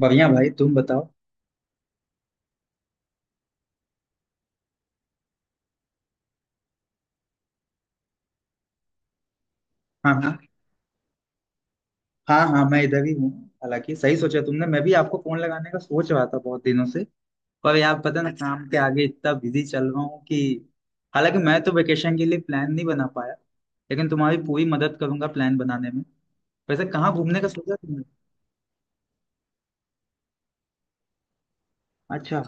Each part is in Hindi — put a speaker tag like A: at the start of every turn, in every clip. A: बढ़िया भाई। तुम बताओ। हाँ, हाँ। हाँ, हाँ, मैं इधर ही हूँ। हालांकि सही सोचा तुमने, मैं भी आपको फोन लगाने का सोच रहा था बहुत दिनों से। पर यार पता ना, काम के आगे इतना बिजी चल रहा हूँ कि हालांकि मैं तो वेकेशन के लिए प्लान नहीं बना पाया। लेकिन तुम्हारी पूरी मदद करूंगा प्लान बनाने में। वैसे कहाँ घूमने का सोचा तुमने? अच्छा।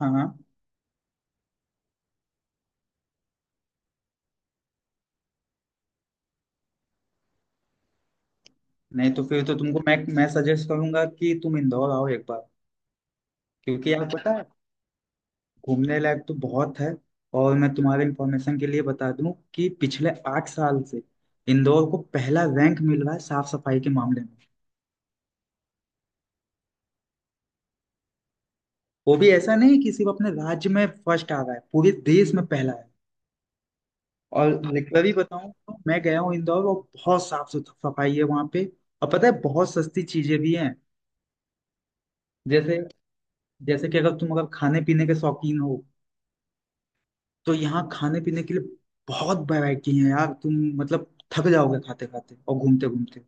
A: हाँ, हाँ। नहीं, तो फिर तो तुमको मैं सजेस्ट करूंगा कि तुम इंदौर आओ एक बार। क्योंकि यार पता है घूमने लायक तो बहुत है। और मैं तुम्हारे इंफॉर्मेशन के लिए बता दूं कि पिछले 8 साल से इंदौर को पहला रैंक मिल रहा है साफ सफाई के मामले में। वो भी ऐसा नहीं कि सिर्फ अपने राज्य में फर्स्ट आ रहा है, पूरे देश में पहला है। और लिटरली बताऊं तो मैं गया हूँ इंदौर, और बहुत सफाई है वहाँ पे। और पता है बहुत सस्ती चीजें भी हैं। जैसे, जैसे कि अगर तुम अगर खाने पीने के शौकीन हो तो यहाँ खाने पीने के लिए बहुत वैरायटी है यार। तुम मतलब थक जाओगे खाते खाते और घूमते घूमते।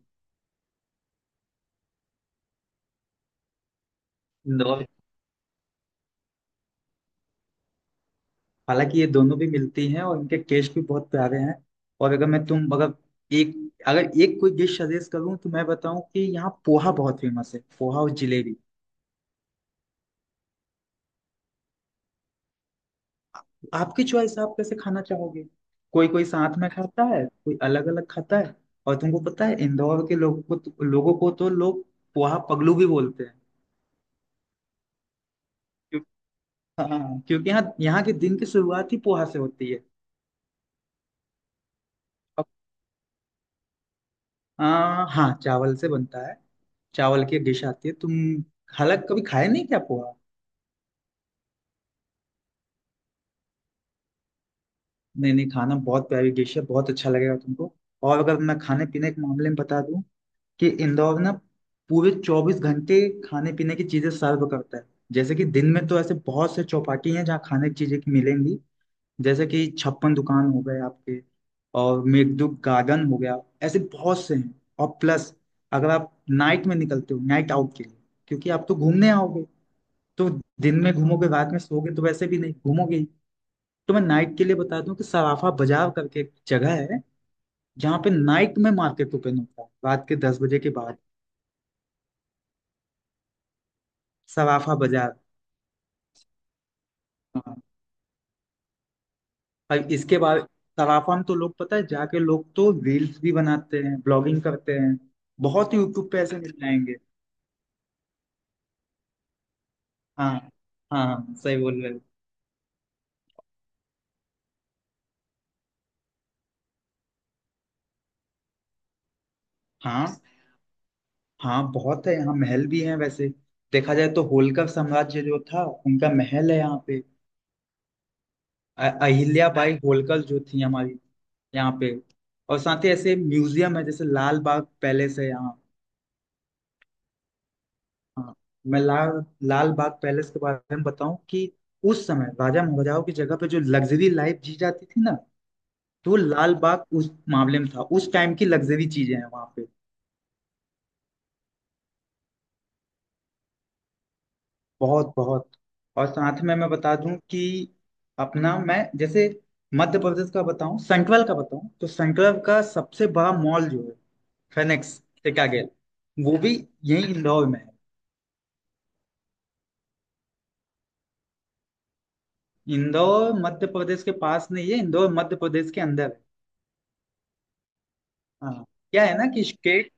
A: हालांकि ये दोनों भी मिलती हैं और इनके टेस्ट भी बहुत प्यारे हैं। और अगर मैं तुम अगर एक अगर एक कोई डिश सजेस्ट करूं तो मैं बताऊं कि यहाँ पोहा बहुत फेमस है, पोहा और जलेबी। आपकी चॉइस, आप कैसे खाना चाहोगे। कोई कोई साथ में खाता है, कोई अलग अलग खाता है। और तुमको पता है इंदौर के लोगों को तो लोग पोहा पगलू भी बोलते हैं। क्यों- हाँ, क्योंकि यहाँ यहाँ के दिन की शुरुआत ही पोहा से होती है। अब, आ, हाँ, चावल से बनता है। चावल की डिश आती है। तुम हालांकि कभी खाए नहीं क्या पोहा? नहीं, नहीं खाना, बहुत प्यारी डिश है, बहुत अच्छा लगेगा तुमको। और अगर मैं खाने पीने के मामले में बता दूं कि इंदौर ना पूरे 24 घंटे खाने पीने की चीजें सर्व करता है। जैसे कि दिन में तो ऐसे बहुत से चौपाटी हैं जहाँ खाने की चीजें की मिलेंगी, जैसे कि छप्पन दुकान हो गए आपके और मेघदूत गार्डन हो गया, ऐसे बहुत से हैं। और प्लस, अगर आप नाइट में निकलते हो नाइट आउट के लिए, क्योंकि आप तो घूमने आओगे, तो दिन में घूमोगे रात में सोओगे तो वैसे भी नहीं घूमोगे ही। तो मैं नाइट के लिए बता दूं कि सराफा बाजार करके एक जगह है जहाँ पे नाइट में मार्केट ओपन होता है रात के 10 बजे के बाद। सराफा बाजार। हाँ। और इसके बाद सराफा में तो लोग पता है जाके लोग तो रील्स भी बनाते हैं, ब्लॉगिंग करते हैं, बहुत यूट्यूब पे ऐसे मिल जाएंगे। हाँ। हाँ, हाँ, सही बोल रहे हो। हाँ। हाँ, बहुत है यहाँ, महल भी है वैसे। देखा जाए तो होलकर साम्राज्य जो था उनका महल है यहाँ पे। अहिल्या बाई होलकर जो थी हमारी, यहाँ पे। और साथ ही ऐसे म्यूजियम है जैसे लाल बाग पैलेस है यहाँ। हाँ। मैं लाल लाल बाग पैलेस के बारे में बताऊं कि उस समय राजा महाराजाओं की जगह पे जो लग्जरी लाइफ जी जाती थी ना, तो वो लाल बाग उस मामले में था, उस टाइम की लग्जरी चीजें हैं वहाँ पे। बहुत, बहुत। और साथ में मैं बता दूं कि अपना मैं जैसे मध्य प्रदेश का बताऊं, सेंट्रल का बताऊं तो सेंट्रल का सबसे बड़ा मॉल जो है, फेनिक्स टिकागेल, वो भी यही इंदौर में है। इंदौर मध्य प्रदेश के पास नहीं है, इंदौर मध्य प्रदेश के अंदर है। हाँ, क्या है ना कि स्टेट,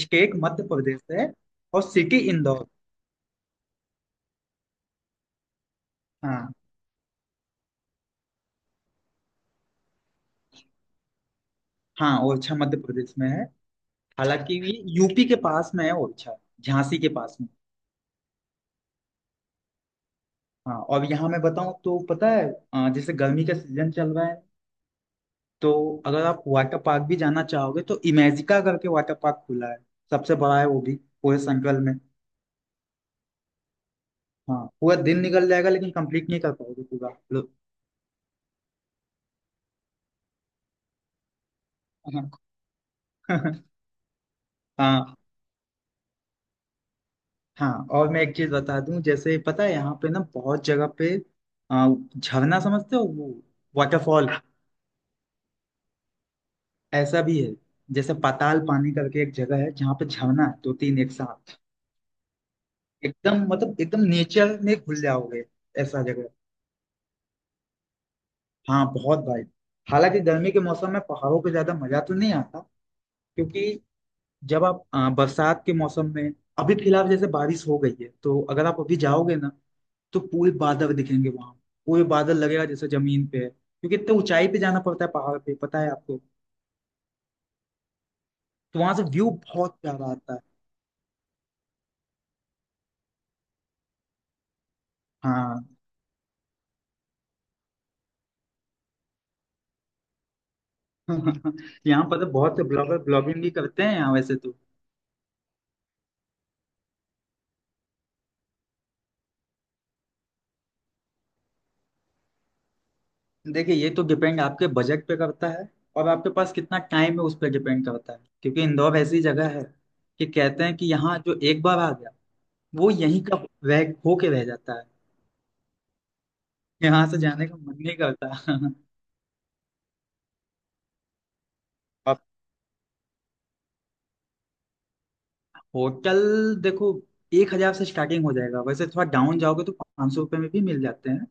A: स्टेट मध्य प्रदेश है और सिटी इंदौर। हाँ। हाँ, ओरछा मध्य प्रदेश में है। हालांकि ये यूपी के पास में है ओरछा, झांसी के पास में। हाँ। और यहाँ मैं बताऊँ तो पता है, अ, जैसे गर्मी का सीजन चल रहा है तो अगर आप वाटर पार्क भी जाना चाहोगे तो इमेजिका करके वाटर पार्क खुला है, सबसे बड़ा है वो भी पूरे संकल में। हाँ, पूरा दिन निकल जाएगा लेकिन कंप्लीट नहीं कर पाओगे पूरा लो। हाँ। हाँ, हाँ। और मैं एक चीज बता दूं, जैसे पता है यहाँ पे ना बहुत जगह पे, आ, झरना समझते हो वो, वाटरफॉल, ऐसा भी है। जैसे पाताल पानी करके एक जगह है जहाँ पे झरना है, दो तीन एक साथ। एकदम मतलब एकदम नेचर में घुल जाओगे, ऐसा जगह। हाँ बहुत भाई। हालांकि गर्मी के मौसम में पहाड़ों पे ज्यादा मजा तो नहीं आता, क्योंकि जब आप, अ, बरसात के मौसम में, अभी फिलहाल जैसे बारिश हो गई है तो अगर आप अभी जाओगे ना तो पूरे बादल दिखेंगे वहां। पूरे बादल लगेगा जैसे जमीन पे है, क्योंकि इतने ऊंचाई पे जाना पड़ता है पहाड़ पे, पता है आपको। तो वहां से व्यू बहुत प्यारा आता है। हाँ। यहाँ पर तो बहुत ब्लॉगर ब्लॉगिंग भी करते हैं यहाँ वैसे तो। देखिए ये तो डिपेंड आपके बजट पे करता है, और आपके पास कितना टाइम है उस पर डिपेंड करता है, क्योंकि इंदौर ऐसी जगह है कि कहते हैं कि यहाँ जो एक बार आ गया, वो यहीं का रह होके रह जाता है। यहाँ से जाने का मन नहीं करता। आप होटल देखो, 1,000 से स्टार्टिंग हो जाएगा, वैसे थोड़ा डाउन जाओगे तो 500 रुपये में भी मिल जाते हैं।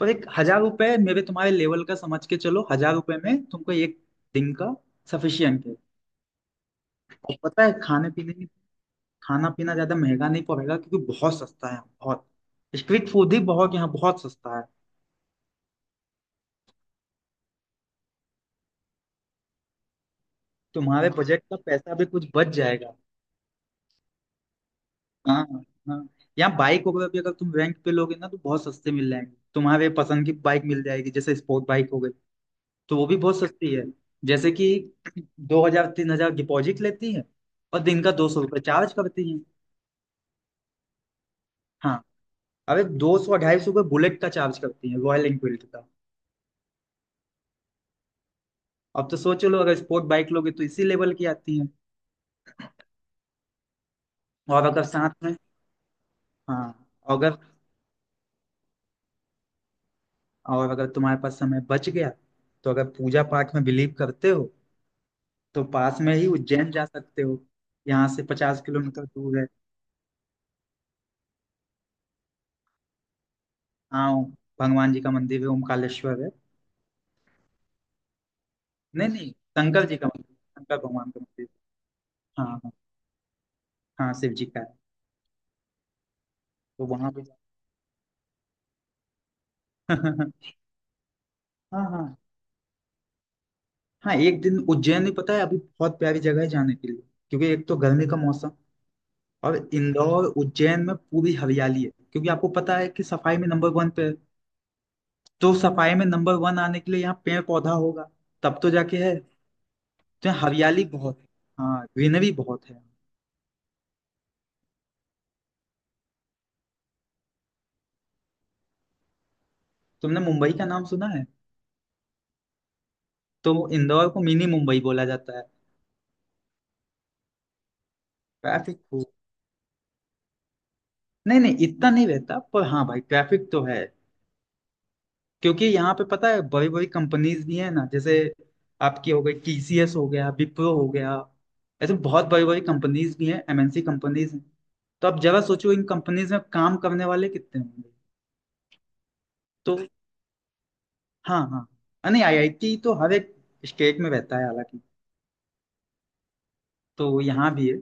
A: पर 1,000 रुपये मेरे तुम्हारे लेवल का समझ के चलो, 1,000 रुपये में तुमको एक दिन का सफिशियंट है। और पता है खाने पीने की, खाना पीना ज्यादा महंगा नहीं पड़ेगा क्योंकि बहुत सस्ता है, बहुत स्ट्रीट फूड ही बहुत यहाँ, बहुत सस्ता है। तुम्हारे बजट का पैसा भी कुछ बच जाएगा। हाँ। हाँ, यहाँ बाइक वगैरह भी अगर तुम रेंट पे लोगे ना तो बहुत सस्ते मिल जाएंगे, तुम्हारे पसंद की बाइक मिल जाएगी जैसे स्पोर्ट बाइक हो गई, तो वो भी बहुत सस्ती है। जैसे कि 2,000 3,000 डिपॉजिट लेती है, और दिन का 200 रुपये चार्ज करती है। हाँ। अरे दो सौ 250 रुपये बुलेट का चार्ज करती है, रॉयल एनफील्ड का। अब तो सोच लो, अगर स्पोर्ट बाइक लोगे तो इसी लेवल की आती है। और अगर साथ में, हाँ अगर, और अगर तुम्हारे पास समय बच गया तो अगर पूजा पाठ में बिलीव करते हो तो पास में ही उज्जैन जा सकते हो। यहाँ से 50 किलोमीटर दूर है। हाँ, भगवान जी का मंदिर है, ओमकालेश्वर है। नहीं, नहीं, शंकर जी का मंदिर, शंकर भगवान का मंदिर। हाँ, हाँ। हाँ, शिव जी का है। तो वहां पे हाँ। हाँ, हाँ, एक दिन उज्जैन ही, पता है अभी बहुत प्यारी जगह है जाने के लिए। क्योंकि एक तो गर्मी का मौसम, और इंदौर उज्जैन में पूरी हरियाली है, क्योंकि आपको पता है कि सफाई में नंबर वन पे है। तो सफाई में नंबर वन आने के लिए यहाँ पेड़ पौधा होगा तब तो जाके है। तो यहाँ हरियाली बहुत है। हाँ, ग्रीनरी बहुत है। तुमने मुंबई का नाम सुना है? तो इंदौर को मिनी मुंबई बोला जाता है। ट्रैफिक खूब, नहीं, नहीं इतना नहीं रहता, पर हाँ भाई, ट्रैफिक तो है। क्योंकि यहाँ पे पता है बड़ी बड़ी कंपनीज भी है ना, जैसे आपकी हो गई टीसीएस हो गया, विप्रो हो गया। ऐसे बहुत बड़ी बड़ी कंपनीज भी हैं, एमएनसी कंपनीज हैं। तो आप जरा सोचो इन कंपनीज में काम करने वाले कितने होंगे। तो हाँ, हाँ, अ, नहीं, आईआईटी तो हर एक स्टेट में रहता है हालांकि। तो यहाँ भी है।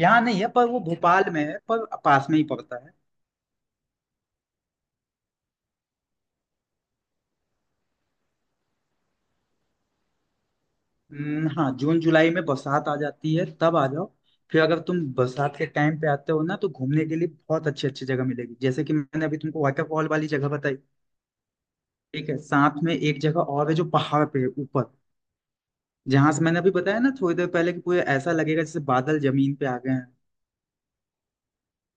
A: यहाँ नहीं है, पर वो भोपाल में है, पर पास में ही पड़ता है। हाँ जून जुलाई में बरसात आ जाती है, तब आ जाओ। फिर अगर तुम बरसात के टाइम पे आते हो ना तो घूमने के लिए बहुत अच्छी अच्छी जगह मिलेगी, जैसे कि मैंने अभी तुमको वाटरफॉल वाली जगह बताई। ठीक है, साथ में एक जगह और है जो पहाड़ पे है ऊपर, जहां से मैंने अभी बताया ना थोड़ी देर पहले कि पूरे ऐसा लगेगा जैसे बादल जमीन पे आ गए हैं।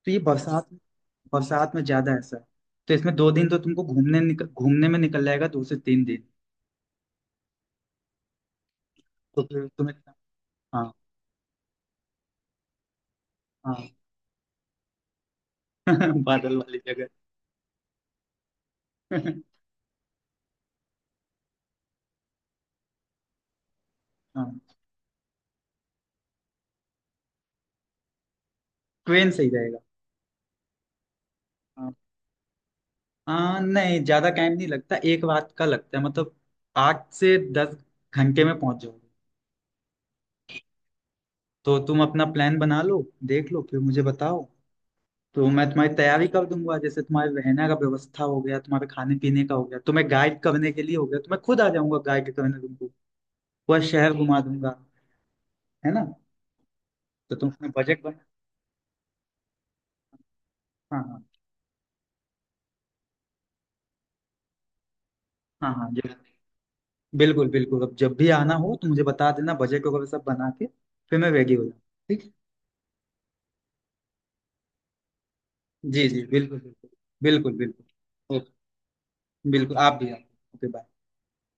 A: तो ये बरसात बरसात में ज्यादा ऐसा है। तो इसमें 2 दिन तो तुमको घूमने में निकल जाएगा, 2 से 3 दिन। तो फिर तुम्हें। हाँ। हाँ। बादल वाली जगह। हाँ। ट्रेन सही रहेगा। हाँ। आ, नहीं ज्यादा टाइम नहीं लगता, एक रात का लगता है मतलब, 8 से 10 घंटे में पहुंच जाओगे। तो तुम अपना प्लान बना लो, देख लो फिर मुझे बताओ। तो मैं तुम्हारी तैयारी कर दूंगा, जैसे तुम्हारे रहने का व्यवस्था हो गया, तुम्हारे खाने पीने का हो गया, तुम्हें गाइड करने के लिए हो गया, तो मैं खुद आ जाऊंगा गाइड करने तुमको। पूरा शहर घुमा दूंगा, है ना। तो तुम अपना बजट बना। हाँ, हाँ। हाँ, हाँ जी, बिल्कुल, बिल्कुल, अब जब भी आना हो तो मुझे बता देना बजट वगैरह सब बना के, फिर मैं रेडी हो जाऊँ। ठीक। जी, जी, बिल्कुल, बिल्कुल। बिल्कुल, बिल्कुल। बिल्कुल, आप भी आप। Okay bye.